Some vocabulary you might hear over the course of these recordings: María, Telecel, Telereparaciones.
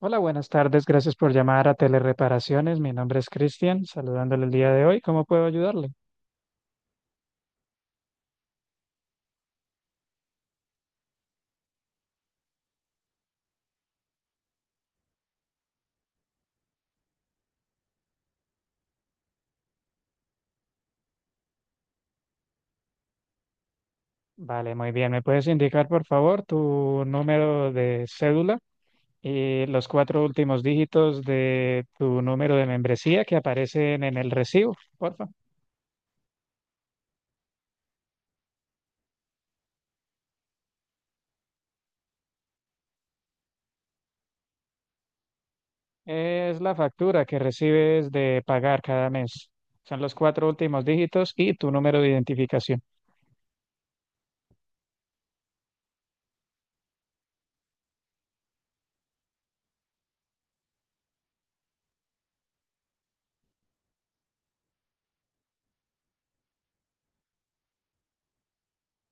Hola, buenas tardes. Gracias por llamar a Telereparaciones. Mi nombre es Cristian, saludándole el día de hoy. ¿Cómo puedo ayudarle? Vale, muy bien. ¿Me puedes indicar, por favor, tu número de cédula y los cuatro últimos dígitos de tu número de membresía que aparecen en el recibo, porfa? Es la factura que recibes de pagar cada mes. Son los cuatro últimos dígitos y tu número de identificación.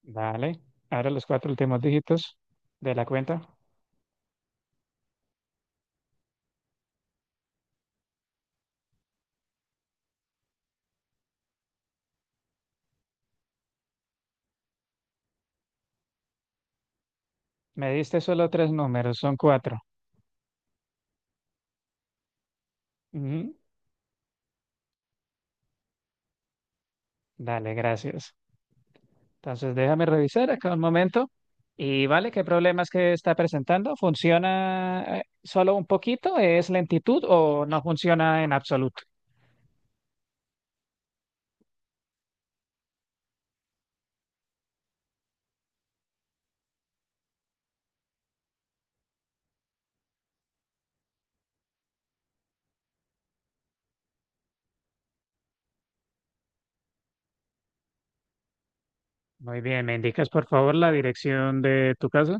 Vale. Ahora los cuatro últimos dígitos de la cuenta. Me diste solo tres números, son cuatro. Ujú. Dale, gracias. Entonces, déjame revisar acá un momento. Y vale, ¿qué problemas que está presentando? ¿Funciona solo un poquito? ¿Es lentitud o no funciona en absoluto? Muy bien, ¿me indicas por favor la dirección de tu casa?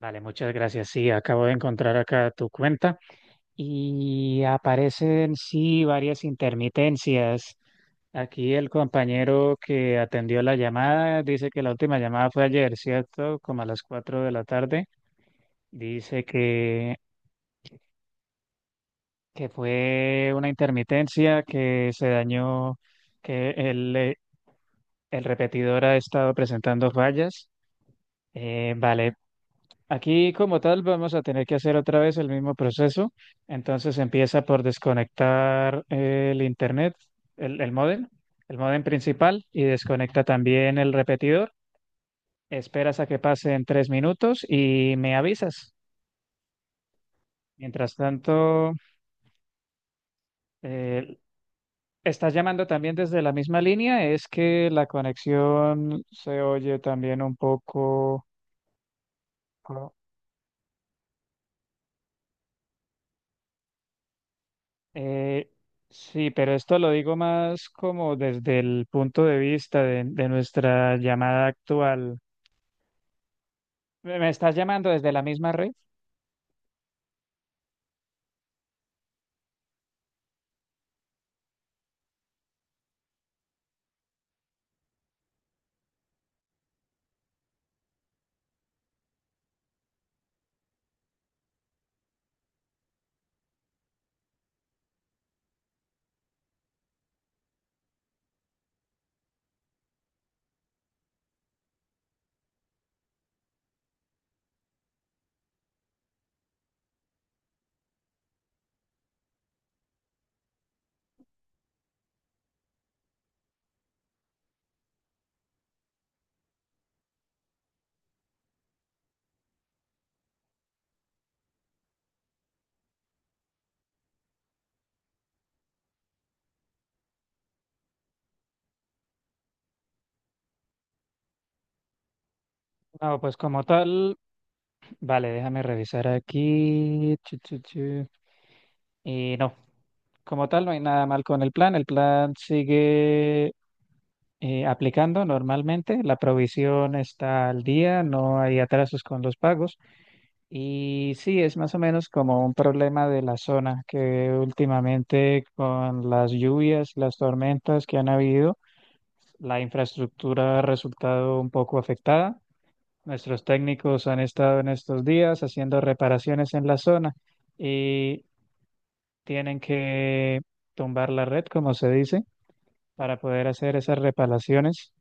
Vale, muchas gracias. Sí, acabo de encontrar acá tu cuenta y aparecen, sí, varias intermitencias. Aquí el compañero que atendió la llamada dice que la última llamada fue ayer, ¿cierto? Como a las 4 de la tarde. Dice que fue una intermitencia que se dañó, que el repetidor ha estado presentando fallas. Vale, aquí como tal vamos a tener que hacer otra vez el mismo proceso. Entonces empieza por desconectar el internet, el módem, el módem principal y desconecta también el repetidor. Esperas a que pasen 3 minutos y me avisas. Mientras tanto, eh, estás llamando también desde la misma línea, es que la conexión se oye también un poco. ¿No? Eh, sí, pero esto lo digo más como desde el punto de vista de nuestra llamada actual. ¿Me estás llamando desde la misma red? No, pues como tal, vale, déjame revisar aquí. Chu, chu, chu. Y no, como tal no hay nada mal con el plan sigue aplicando normalmente. La provisión está al día, no hay atrasos con los pagos. Y sí, es más o menos como un problema de la zona que últimamente con las lluvias, las tormentas que han habido, la infraestructura ha resultado un poco afectada. Nuestros técnicos han estado en estos días haciendo reparaciones en la zona y tienen que tumbar la red, como se dice, para poder hacer esas reparaciones.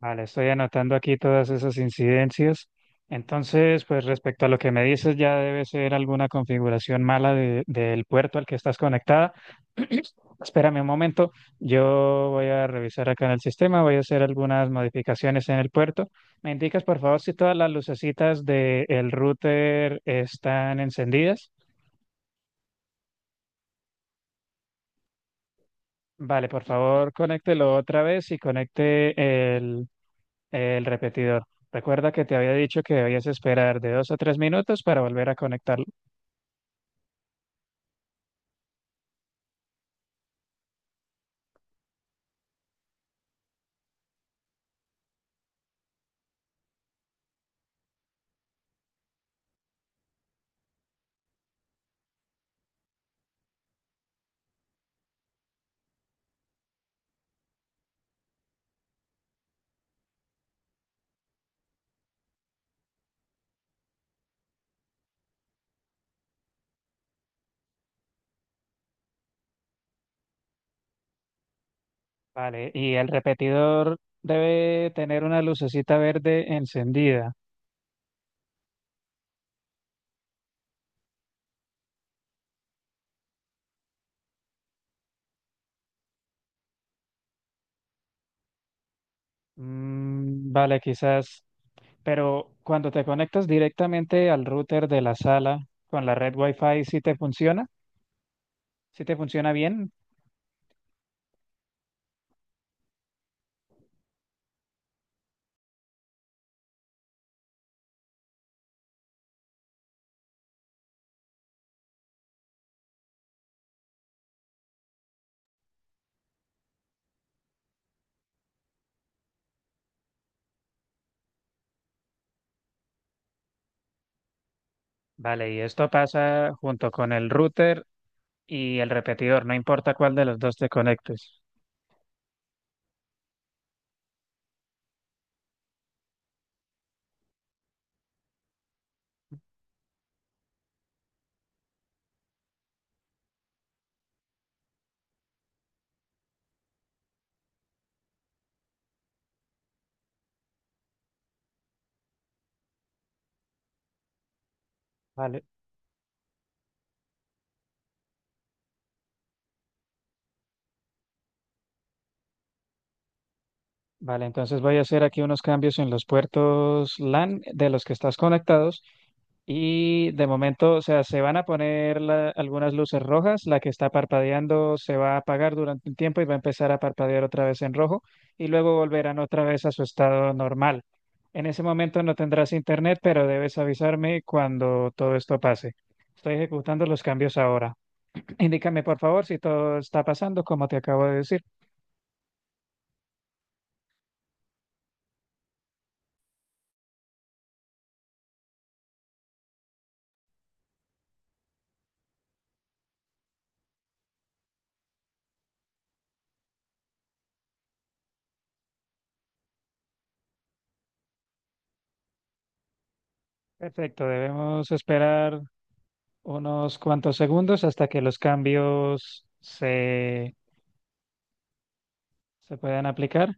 Vale, estoy anotando aquí todas esas incidencias. Entonces, pues respecto a lo que me dices, ya debe ser alguna configuración mala de- del puerto al que estás conectada. Espérame un momento, yo voy a revisar acá en el sistema, voy a hacer algunas modificaciones en el puerto. ¿Me indicas, por favor, si todas las lucecitas del router están encendidas? Vale, por favor, conéctelo otra vez y conecte el repetidor. Recuerda que te había dicho que debías esperar de 2 a 3 minutos para volver a conectarlo. Vale, y el repetidor debe tener una lucecita verde encendida. Mm, vale, quizás. Pero cuando te conectas directamente al router de la sala con la red Wi-Fi, ¿sí te funciona? ¿Sí te funciona bien? Vale, y esto pasa junto con el router y el repetidor, no importa cuál de los dos te conectes. Vale, vale, entonces voy a hacer aquí unos cambios en los puertos LAN de los que estás conectados y de momento, o sea, se van a poner la- algunas luces rojas, la que está parpadeando se va a apagar durante un tiempo y va a empezar a parpadear otra vez en rojo y luego volverán otra vez a su estado normal. En ese momento no tendrás internet, pero debes avisarme cuando todo esto pase. Estoy ejecutando los cambios ahora. Indícame, por favor, si todo está pasando como te acabo de decir. Perfecto, debemos esperar unos cuantos segundos hasta que los cambios se, se puedan aplicar.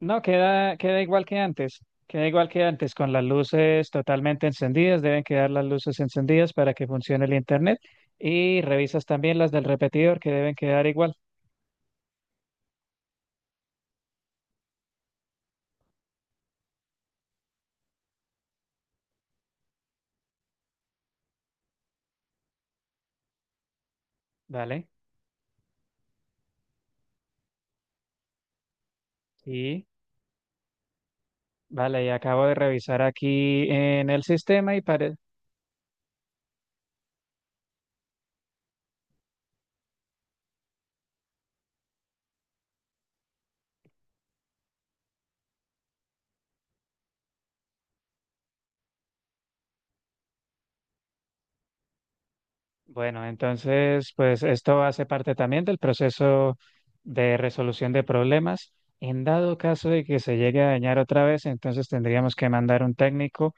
No, queda, queda igual que antes. Queda igual que antes, con las luces totalmente encendidas. Deben quedar las luces encendidas para que funcione el internet. Y revisas también las del repetidor, que deben quedar igual. Vale, y vale, y acabo de revisar aquí en el sistema y parece. Bueno, entonces, pues esto hace parte también del proceso de resolución de problemas. En dado caso de que se llegue a dañar otra vez, entonces tendríamos que mandar un técnico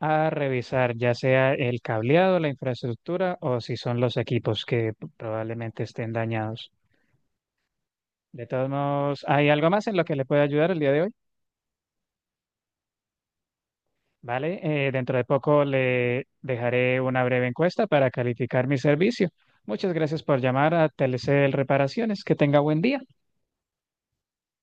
a revisar ya sea el cableado, la infraestructura o si son los equipos que probablemente estén dañados. De todos modos, ¿hay algo más en lo que le pueda ayudar el día de hoy? Vale, dentro de poco le dejaré una breve encuesta para calificar mi servicio. Muchas gracias por llamar a Telecel Reparaciones. Que tenga buen día.